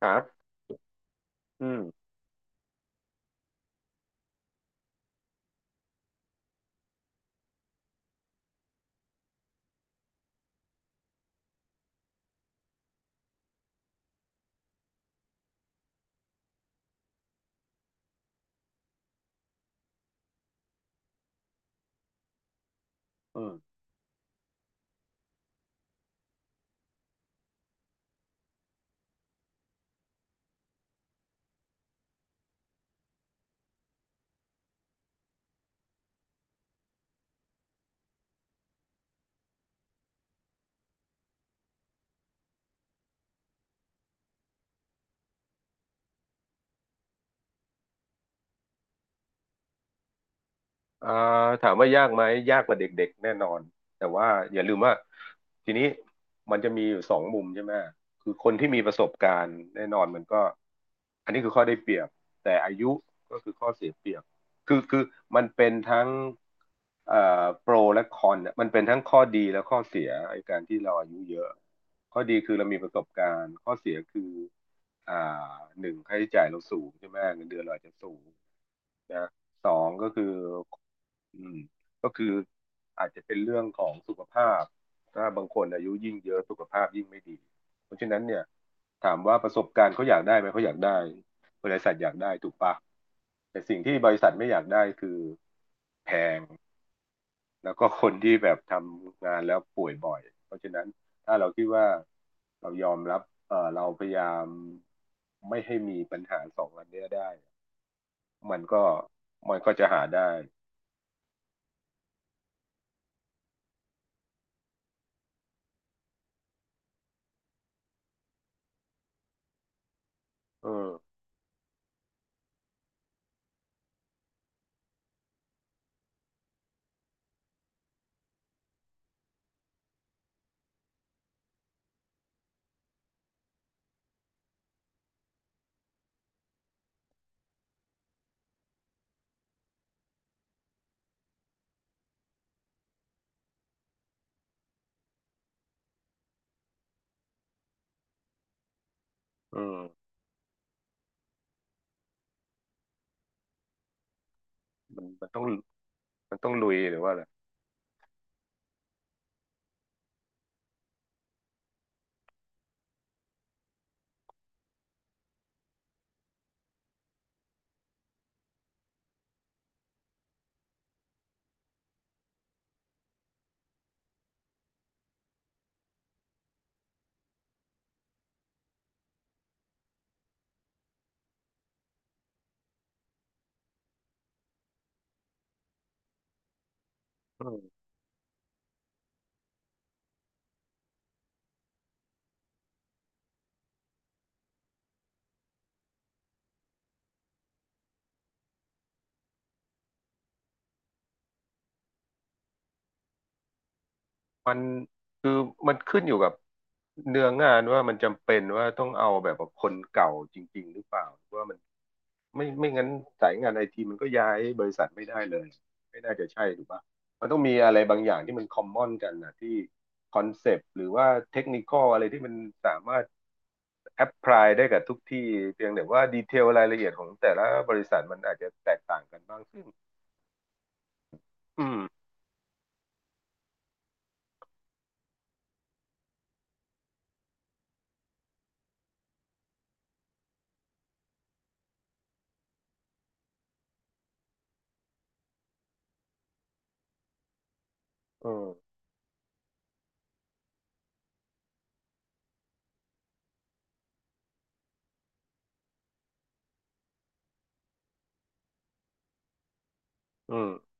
ครับอืมอืมเอ่อถามว่ายากไหมยากกว่าเด็กๆแน่นอนแต่ว่าอย่าลืมว่าทีนี้มันจะมีอยู่สองมุมใช่ไหม คือคนที่มีประสบการณ์แน่นอนมันก็อันนี้คือข้อได้เปรียบแต่อายุก็คือข้อเสียเปรียบคือมันเป็นทั้งเอ่อโปรและคอนเนี่ยมันเป็นทั้งข้อดีและข้อเสียไอ้การที่เราอายุเยอะข้อดีคือเรามีประสบการณ์ข้อเสียคืออ่าหนึ่งค่าใช้จ่ายเราสูงใช่ไหมเงินเดือนเราอาจจะสูง นะสองก็คืออืมก็คืออาจจะเป็นเรื่องของสุขภาพถ้าบางคนอายุยิ่งเยอะสุขภาพยิ่งไม่ดีเพราะฉะนั้นเนี่ยถามว่าประสบการณ์เขาอยากได้ไหมเขาอยากได้บริษัทอยากได้ถูกปะแต่สิ่งที่บริษัทไม่อยากได้คือแพงแล้วก็คนที่แบบทำงานแล้วป่วยบ่อยเพราะฉะนั้นถ้าเราคิดว่าเรายอมรับเราพยายามไม่ให้มีปัญหาสองอันเนี้ยได้มันก็มันก็จะหาได้ อืมอืมมันมันต้องมันต้องลุยหรือว่าอะไรอืมมัน คือ มันขึ้นอยู่กับเนื้องานว่ามันจำเป็นว่าต้องเอาแบบว่าคนเก่าจริงๆหรือเปล่าหรือว่ามันไม่งั้นสายงานไอทีมันก็ย้ายบริษัทไม่ได้เลยไม่น่าจะใช่ถูกปะมันต้องมีอะไรบางอย่างที่มันคอมมอนกันนะที่คอนเซปต์หรือว่าเทคนิคอลอะไรที่มันสามารถแอพพลายได้กับทุกที่เพียงแต่ว่าดีเทลรายละเอียดของแต่ละบริษัทมันอาจจะแตกต่างกันบ้างซึ่ง อืมอืมอืม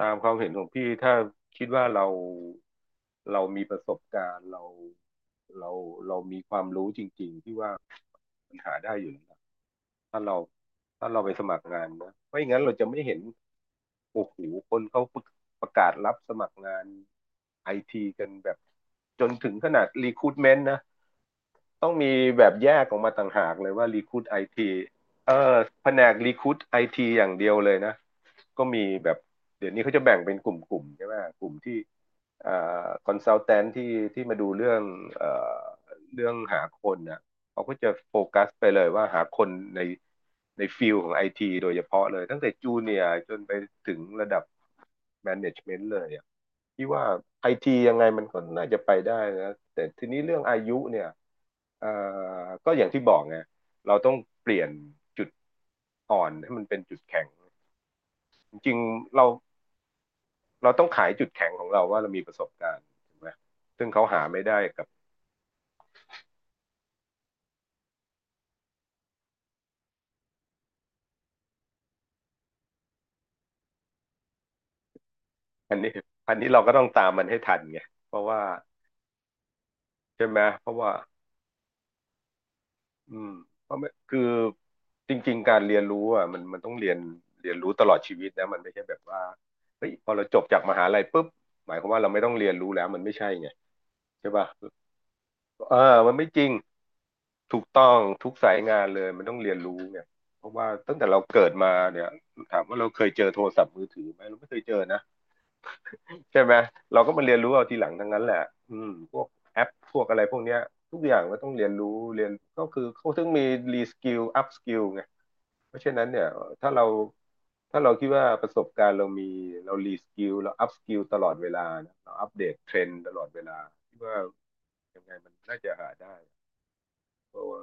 ตามความเห็นของพี่ถ้าคิดว่าเรามีประสบการณ์เราเรามีความรู้จริงๆที่ว่าปัญหาได้อยู่แล้วนะถ้าเราถ้าเราไปสมัครงานนะไม่อย่างนั้นเราจะไม่เห็นโอ้โหคนเขาประกาศรับสมัครงานไอทีกันแบบจนถึงขนาดรีคู i เมน t นะ ต้องมีแบบแยกออกมาต่างหากเลยว่า Recruit ไอทีเออแผนก Recruit ไอทีอย่างเดียวเลยนะก็มีแบบเดี๋ยวนี้เขาจะแบ่งเป็นกลุ่มๆใช่ไหมกลุ่มที่เอ่คอนซัลแทนที่มาดูเรื่องเอ่อเรื่องหาคนนะ เขาก็จะโฟกัสไปเลยว่าหาคนในในฟิลของไอทีโดยเฉพาะเลยตั้งแต่จูเนียร์จนไปถึงระดับแมネจเมนต์เลยอะพี่ว่าไอทียังไงมันก็น่าจะไปได้นะแต่ทีนี้เรื่องอายุเนี่ยเอ่อก็อย่างที่บอกไงเราต้องเปลี่ยนจุดอ่อนให้มันเป็นจุดแข็งจริงๆเราเราต้องขายจุดแข็งของเราว่าเรามีประสบการณ์ถูกไหมซึ่งเขาหาไม่ได้กับอันนี้อันนี้เราก็ต้องตามมันให้ทันไงเพราะว่า ใช่ไหมเพราะว่าอืมเพราะไม่คือจริงๆการเรียนรู้อ่ะมันต้องเรียนรู้ตลอดชีวิตนะมันไม่ใช่แบบว่าเฮ้ยพอเราจบจากมหาลัยปุ๊บหมายความว่าเราไม่ต้องเรียนรู้แล้วมันไม่ใช่ไงใช่ป่ะเออมันไม่จริงถูกต้องทุกสายงานเลยมันต้องเรียนรู้เนี่ยเพราะว่าตั้งแต่เราเกิดมาเนี่ยถามว่าเราเคยเจอโทรศัพท์มือถือไหมเราไม่เคยเจอนะ ใช่ไหมเราก็มาเรียนรู้เอาทีหลังทั้งนั้นแหละอืมพวกแอปพวกอะไรพวกเนี้ยทุกอย่างก็ต้องเรียนรู้เรียนก็คือเขาถึงมีรีสกิลอัพสกิลไงเพราะฉะนั้นเนี่ยถ้าเราถ้าเราคิดว่าประสบการณ์เรามีเรารีสกิลเราอัพสกิลตลอดเวลานะเราอัปเดตเทรนด์ตลอดเวลาคิดว่ายังไงมันน่าจะหาได้เพราะว่า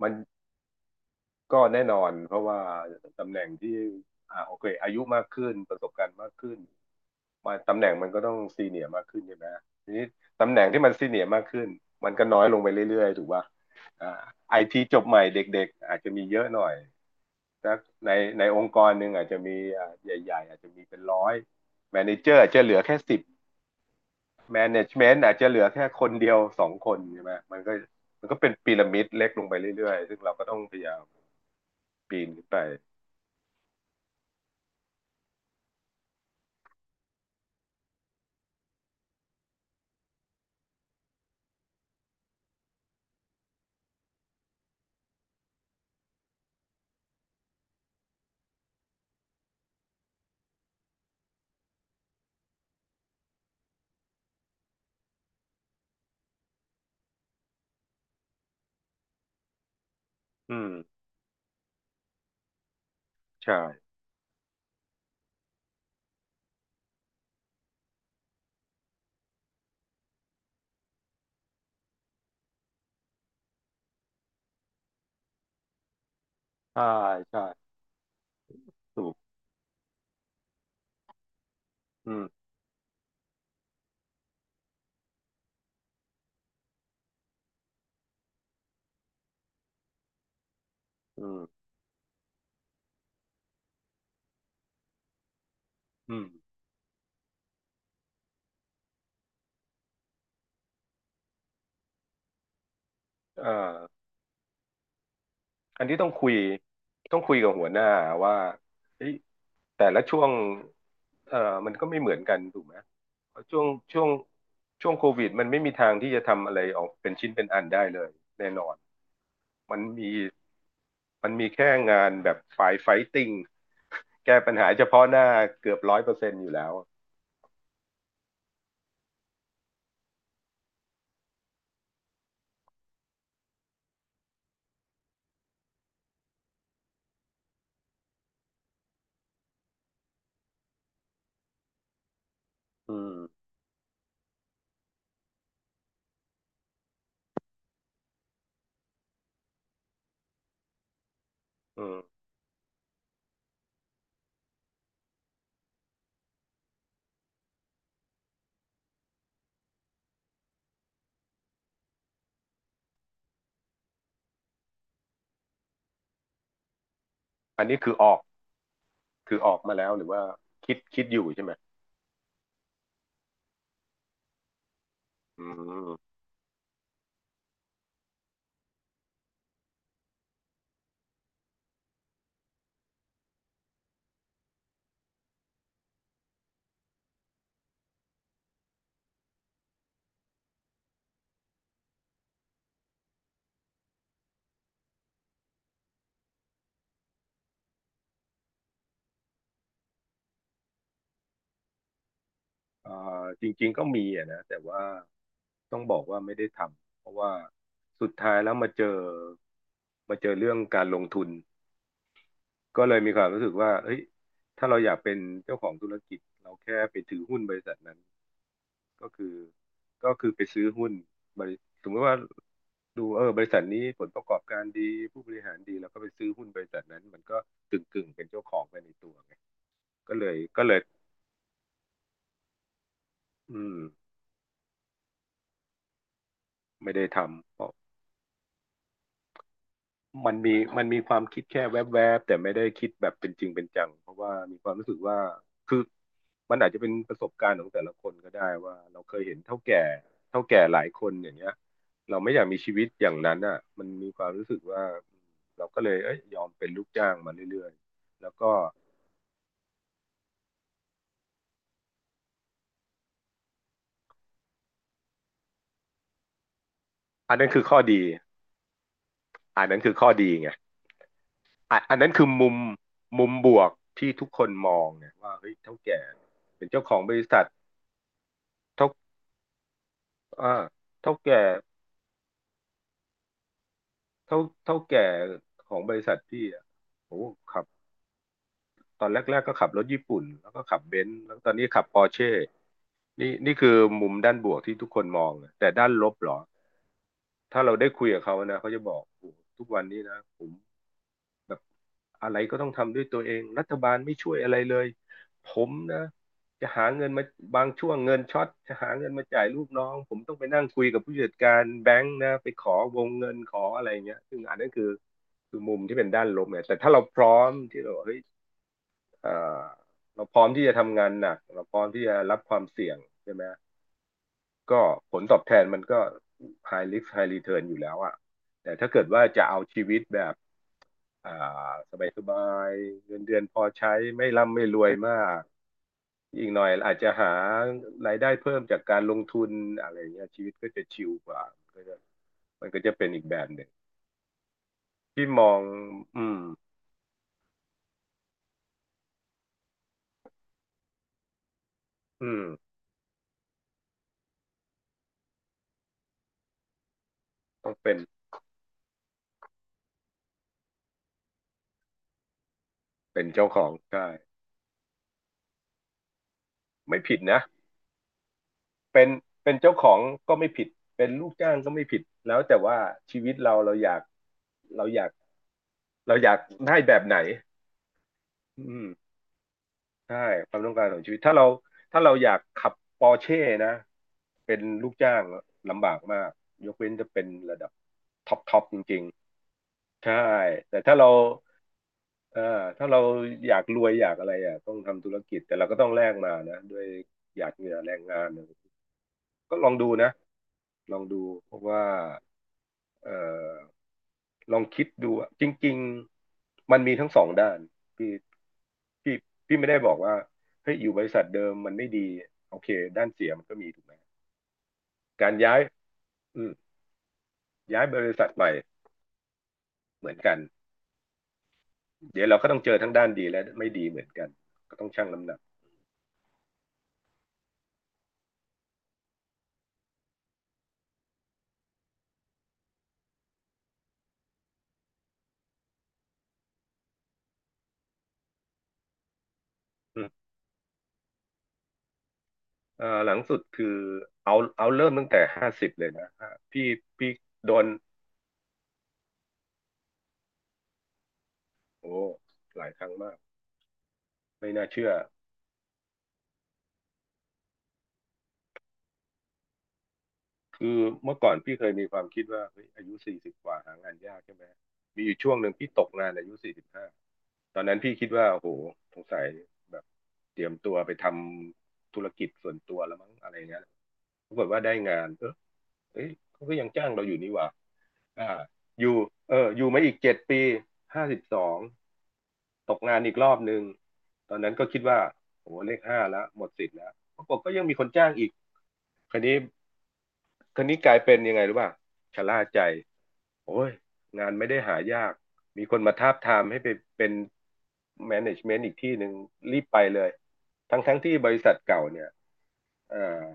มันก็แน่นอนเพราะว่าตำแหน่งที่โอเคอายุมากขึ้นประสบการณ์มากขึ้น มาตำแหน่งมันก็ต้องซีเนียร์มากขึ้นใช่ไหมทีนี้ตำแหน่งที่มันซีเนียร์มากขึ้นมันก็น้อยลงไปเรื่อยๆถูกป่ะอ่าไอทีจบใหม่เด็กๆอาจจะมีเยอะหน่อยสักในในองค์กรหนึ่งอาจจะมีใหญ่ๆอาจจะมีเป็นร้อยแมเนเจอร์อาจจะเหลือแค่สิบแมเนจเมนต์อาจจะเหลือแค่คนเดียวสองคนใช่ไหมมันก็เป็นพีระมิดเล็กลงไปเรื่อยๆซึ่งเราก็ต้องพยายามปีนขึ้นไปอืมใช่ใช่ใช่ถูกอืมอืมอืมเอ่อ อันที่ต้องคุยกับหัวหน้าว่าเฮ้ยแต่ละช่วงเอ่อมันก็ไม่เหมือนกันถูกไหมเพราะช่วงช่วงโควิดมันไม่มีทางที่จะทำอะไรออกเป็นชิ้นเป็นอันได้เลยแน่นอนมันมีมันมีแค่งานแบบฝ่ายไฟติ้งแก้ปัญหาเฉพาะหน้าเกือบ100%อยู่แล้วอืมอืมอันนี้คือออกมาแล้วหรือว่าคิดอยู่ใช่ไหมอืม เอ่อจริงๆก็มีอะนะแต่ว่าต้องบอกว่าไม่ได้ทำเพราะว่าสุดท้ายแล้วมาเจอเรื่องการลงทุนก็เลยมีความรู้สึกว่าเฮ้ยถ้าเราอยากเป็นเจ้าของธุรกิจเราแค่ไปถือหุ้นบริษัทนั้นก็คือก็คือไปซื้อหุ้นบริสมมติว่าดูเออบริษัทนี้ผลประกอบการดีผู้บริหารดีแล้วก็ไปซื้อหุ้นบริษัทนั้นมันก็กึ่งๆเป็นเจ้าของไปในตัวไงก็เลยอืมไม่ได้ทำ มันมีมันมีความคิดแค่แวบๆแต่ไม่ได้คิดแบบเป็นจริงเป็นจังเพราะว่ามีความรู้สึกว่าคือมันอาจจะเป็นประสบการณ์ของแต่ละคนก็ได้ว่าเราเคยเห็นเฒ่าแก่หลายคนอย่างเงี้ยเราไม่อยากมีชีวิตอย่างนั้นอ่ะมันมีความรู้สึกว่าเราก็เลยเอ้ยยอมเป็นลูกจ้างมาเรื่อยๆแล้วก็อันนั้นคือข้อดีอันนั้นคือข้อดีไงอ่ะอันนั้นคือมุมบวกที่ทุกคนมองเนี่ยว่าเฮ้ยเฒ่าแก่เป็นเจ้าของบริษัทเฒ่าอ่าเท่าแก่ เท่าเท่าแก่ของบริษัทพี่อะโอ้ขับตอนแรกๆก็ขับรถญี่ปุ่นแล้วก็ขับเบนซ์แล้วตอนนี้ขับปอร์เช่นี่นี่คือมุมด้านบวกที่ทุกคนมองนะแต่ด้านลบเหรอถ้าเราได้คุยกับเขานะเขาจะบอกโอ้ทุกวันนี้นะผม แบบอะไรก็ต้องทำด้วยตัวเองรัฐบาลไม่ช่วยอะไรเลยผมนะจะหาเงินมาบางช่วงเงินช็อตจะหาเงินมาจ่ายลูกน้องผมต้องไปนั่งคุยกับผู้จัดการแบงค์นะไปขอวงเงินขออะไรเงี้ยซึ่งอันนั้นคือมุมที่เป็นด้านลบเนี่ยแต่ถ้าเราพร้อมที่เราเฮ้ยเอ่อเราพร้อมที่จะทำงานหนักเราพร้อมที่จะรับความเสี่ยงใช่ไหม ก็ผลตอบแทนมันก็ high risk high return อยู่แล้วอะแต่ถ้าเกิดว่าจะเอาชีวิตแบบอ่าสบายสบายเงินเดือนพอใช้ไม่ร่ำไม่รวยมากอีกหน่อยอาจจะหารายได้เพิ่มจากการลงทุนอะไรเงี้ยชีวิตก็จะชิลกว่ามันก็จะมันก็จะเป็นอีกแบบหนึ่งที่มองอืมอืมต้องเป็นเจ้าของใช่ไม่ผิดนะเป็นเป็นเจ้าของก็ไม่ผิดเป็นลูกจ้างก็ไม่ผิดแล้วแต่ว่าชีวิตเราเราอยากเราอยาก เราอยากได้แบบไหนอืมใช่ความต้องการของชีวิต ถ้าเราอยากขับปอร์เช่นะ เป็นลูกจ้างลำบากมาก ยกเว้นจะเป็นระดับท็อปท็อปจริงๆใช่ แต่ถ้าเราเอ่อถ้าเราอยากรวยอยากอะไรอ่ะต้องทำธุรกิจ แต่เราก็ต้องแลกมานะด้วยหยาดเหงื่อแรงงานก็ลองดูนะ ลองดูเพราะว่าเอ่อ ลองคิดดูอะจริงๆมันมีทั้งสองด้านพี่พี่พี่ไม่ได้บอกว่าเฮ้ยอยู่บริษัทเดิมมันไม่ดีโอเคด้านเสียมันก็มีถูกไหมการย้ายอืมย้ายบริษัทใหม่เหมือนกันเดี๋ยวเราก็ต้องเจอทั้งด้านดีและไม่ดีเหมือนกันก็ต้องชั่งน้ำหนักอืมหลังสุดคือเอาเริ่มตั้งแต่ห้าสิบเลยนะฮะพี่โดนโอ้หลายครั้งมากไม่น่าเชื่อ คือเมื่อก่อนพี่เคยมีความคิดว่าเฮ้ยอายุ40 กว่าหางานยากใช่ไหมมีอยู่ช่วงหนึ่งพี่ตกงานอายุ45ตอนนั้นพี่คิดว่าโอ้โหสงสัยแบบเตรียมตัวไปทำธุรกิจส่วนตัวแล้วมั้งอะไรเงี้ยปรากฏว่าได้งานเออเอ้ยเขาก็ยังจ้างเราอยู่นี่หว่า อ่าอยู่เอออยู่มาอีก7 ปี52ตกงานอีกรอบหนึ่งตอนนั้นก็คิดว่าโอ้โหเลขห้าแล้วหมดสิทธิ์แล้วปรากฏก็ยังมีคนจ้างอีกคันนี้คันนี้กลายเป็นยังไงรู้ป่ะชะล่าใจโอ้ยงานไม่ได้หายากมีคนมาทาบทามให้ไปเป็นแมネจเมนต์อีกที่หนึ่งรีบไปเลยทั้งที่บริษัทเก่าเนี่ยเอ่อ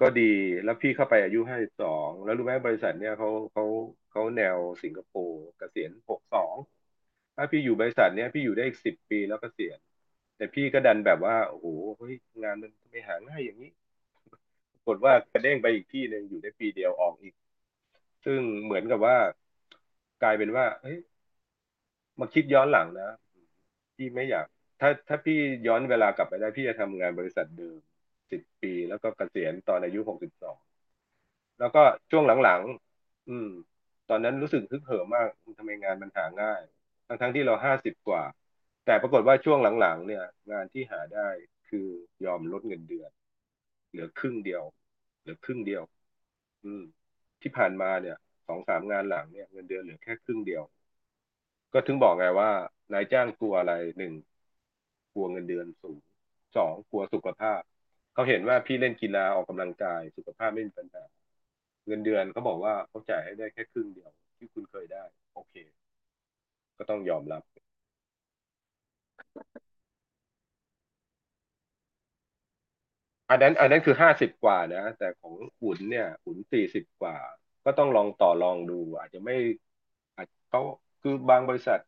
ก็ดีแล้วพี่เข้าไปอายุ52แล้วรู้ไหมบริษัทเนี่ยเขาแนวสิงคโปร์เกษียณ62ถ้าพี่อยู่บริษัทเนี่ยพี่อยู่ได้อีกสิบปีแล้วเกษียณแต่พี่ก็ดันแบบว่าโอ้โหเฮ้ยงานมันไม่หาง่ายอย่างนี้ปรากฏว่ากระเด้งไปอีกที่หนึ่งอยู่ได้ปีเดียวออกอีกซึ่งเหมือนกับว่ากลายเป็นว่าเฮ้ยมาคิดย้อนหลังนะพี่ไม่อยากถ้าพี่ย้อนเวลากลับไปได้พี่จะทำงานบริษัทเดิมสิบปีแล้วก็เกษียณตอนอายุ62 แล้วก็ช่วงหลังๆตอนนั้นรู้สึกฮึกเหิมมากทำไมงานมันหาง่ายทั้งที่เราห้าสิบกว่า แต่ปรากฏว่าช่วงหลังๆเนี่ยงานที่หาได้คือยอมลดเงินเดือนเหลือครึ่งเดียวเหลือครึ่งเดียวอืมที่ผ่านมาเนี่ยสองสามงานหลังเนี่ยเงินเดือนเหลือแค่ครึ่งเดียว ก็ถึงบอกไงว่านายจ้างกลัวอะไรหนึ่งกลัวเงินเดือนสูงสองกลัวสุขภาพเขาเห็นว่าพี่เล่นกีฬาออกกำลังกายสุขภาพไม่มีปัญหาเงินเดือนเขาบอกว่าเขาจ่ายให้ได้แค่ครึ่งเดียวที่คุณเคยได้โอเคก็ต้องยอมรับ อันนั้นคือห้าสิบกว่านะแต่ของอุ่นเนี่ยอุ้น40 กว่าก็ต้องลองต่อรองดูอาจจะไม่อาจเขาคือบางบริษัท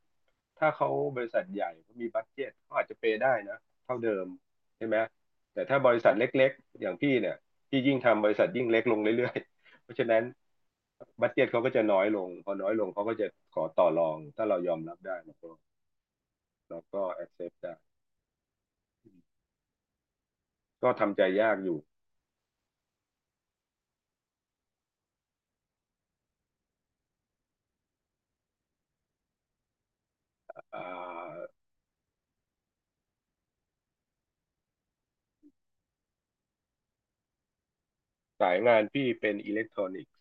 ถ้าเขาบริษัทใหญ่เขามีบัดเจ็ตเขาอาจจะเปย์ได้นะเท่าเดิมใช่ไหมแต่ถ้าบริษัทเล็กๆอย่างพี่เนี่ยพี่ยิ่งทำบริษัทยิ่งเล็กลงเรื่อยๆ เพราะฉะนั้นบัดเจ็ตเขาก็จะน้อยลงพอน้อยลงเขาก็จะขอต่อรองถ้าเรายอมรับได้เราก็ accept ได้ก็ทำใจยากอยู่อ่า สายงานพี่เป็นอิเล็กทรอนิกส์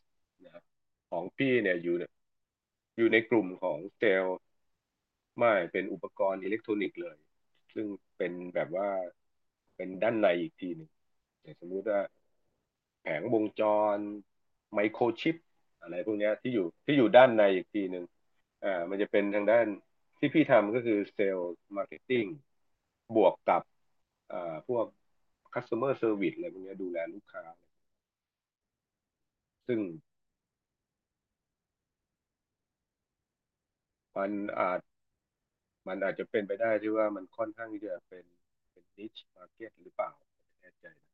นะของพี่เนี่ยอยู่ในกลุ่มของเซลล์ไม่เป็นอุปกรณ์อิเล็กทรอนิกส์เลยซึ่งเป็นแบบว่าเป็นด้านในอีกทีหนึ่งอย่างสมมุติว่าแผงวงจรไมโครชิปอะไรพวกเนี้ยที่อยู่ด้านในอีกทีหนึ่งมันจะเป็นทางด้านที่พี่ทำก็คือเซลล์มาร์เก็ตติ้งบวกกับพวก customer service อะไรพวกเนี้ยดูแลลูกค้าซึ่ง มันอาจมันอาจจะเป็นไปได้ที่ว่ามันค่อนข้างที่จะเป็น niche market หรือเปล่าไม่แน่ใจนะ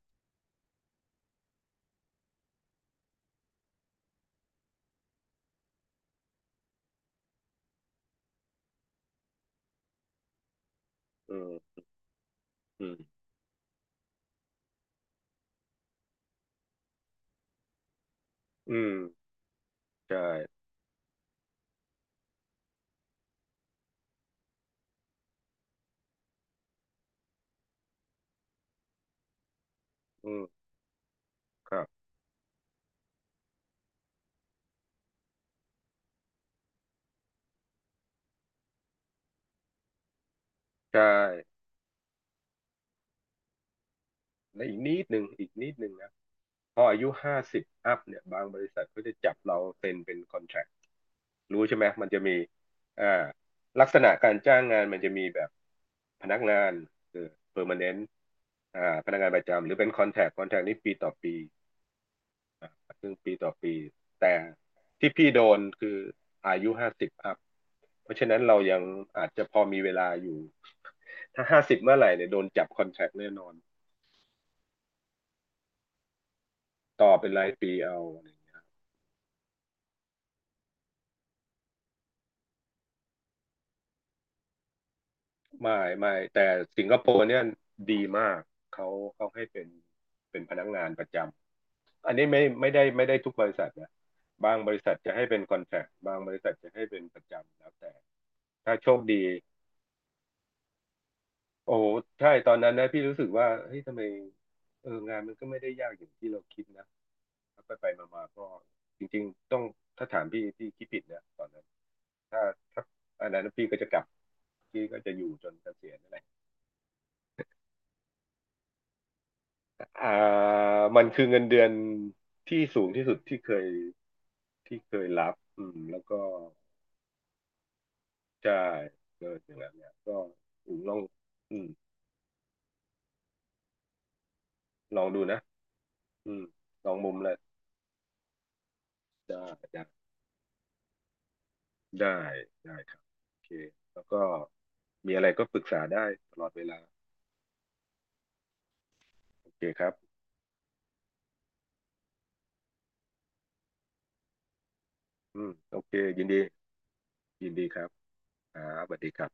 อืมอืมอืมใช่อืมครับใช่และอีกนิดหนึ่งนะพออายุห้าสิบอัพเนี่ยบางบริษัทก็จะจับเราเซ็นเป็นคอนแท c t รู้ใช่ไหมมันจะมีอ่าลักษณะการจ้างงานมันจะมีแบบพนักงานคือ permanent อ่าพนักงานประจำหรือเป็น contract c o n t r a c t นี่ปีต่อปี ซึ่งปีต่อปีแต่ที่พี่โดนคืออายุห้าสิบอัพเพราะฉะนั้นเรายังอาจจะพอมีเวลาอยู่ถ้าห้าสิบเมื่อไหร่เนี่ยโดนจับคอนแทคแน่นอนต่อเป็นรายปีเอารไม่ไม่แต่สิงคโปร์เนี่ยดีมากเขาเขาให้เป็นเป็นพนักงานประจำอันนี้ไม่ไม่ได้ไม่ได้ทุกบริษัทนะบางบริษัทจะให้เป็นคอนแทคบางบริษัทจะให้เป็นประจำแล้วแต่ถ้าโชคดี โอ้ใช่ตอนนั้นนะพี่รู้สึกว่าเฮ้ยทำไมเอองานมันก็ไม่ได้ยากอย่างที่เราคิดนะแล้วไปไปมามาก็จริงๆต้องถ้าถามพี่พี่คิดผิดนะตอนนั้นถ้าถ้าอันนั้นพี่ก็จะกลับพี่ก็จะอยู่จนเกษียณนั่นแหละอ่ามันคือเงินเดือนที่สูงที่สุดที่เคยรับอืมแล้วก็ใช่เกิดอย่างนั้นเนี่ยก็อืมลองอืมลองดูนะอืมลองมุมแหละได้ ได้ได้ครับโอเคแล้วก็มีอะไรก็ปรึกษาได้ตลอดเวลาโอเคครับอืมโอเคยินดียินดีครับอ่าสวัสดีครับ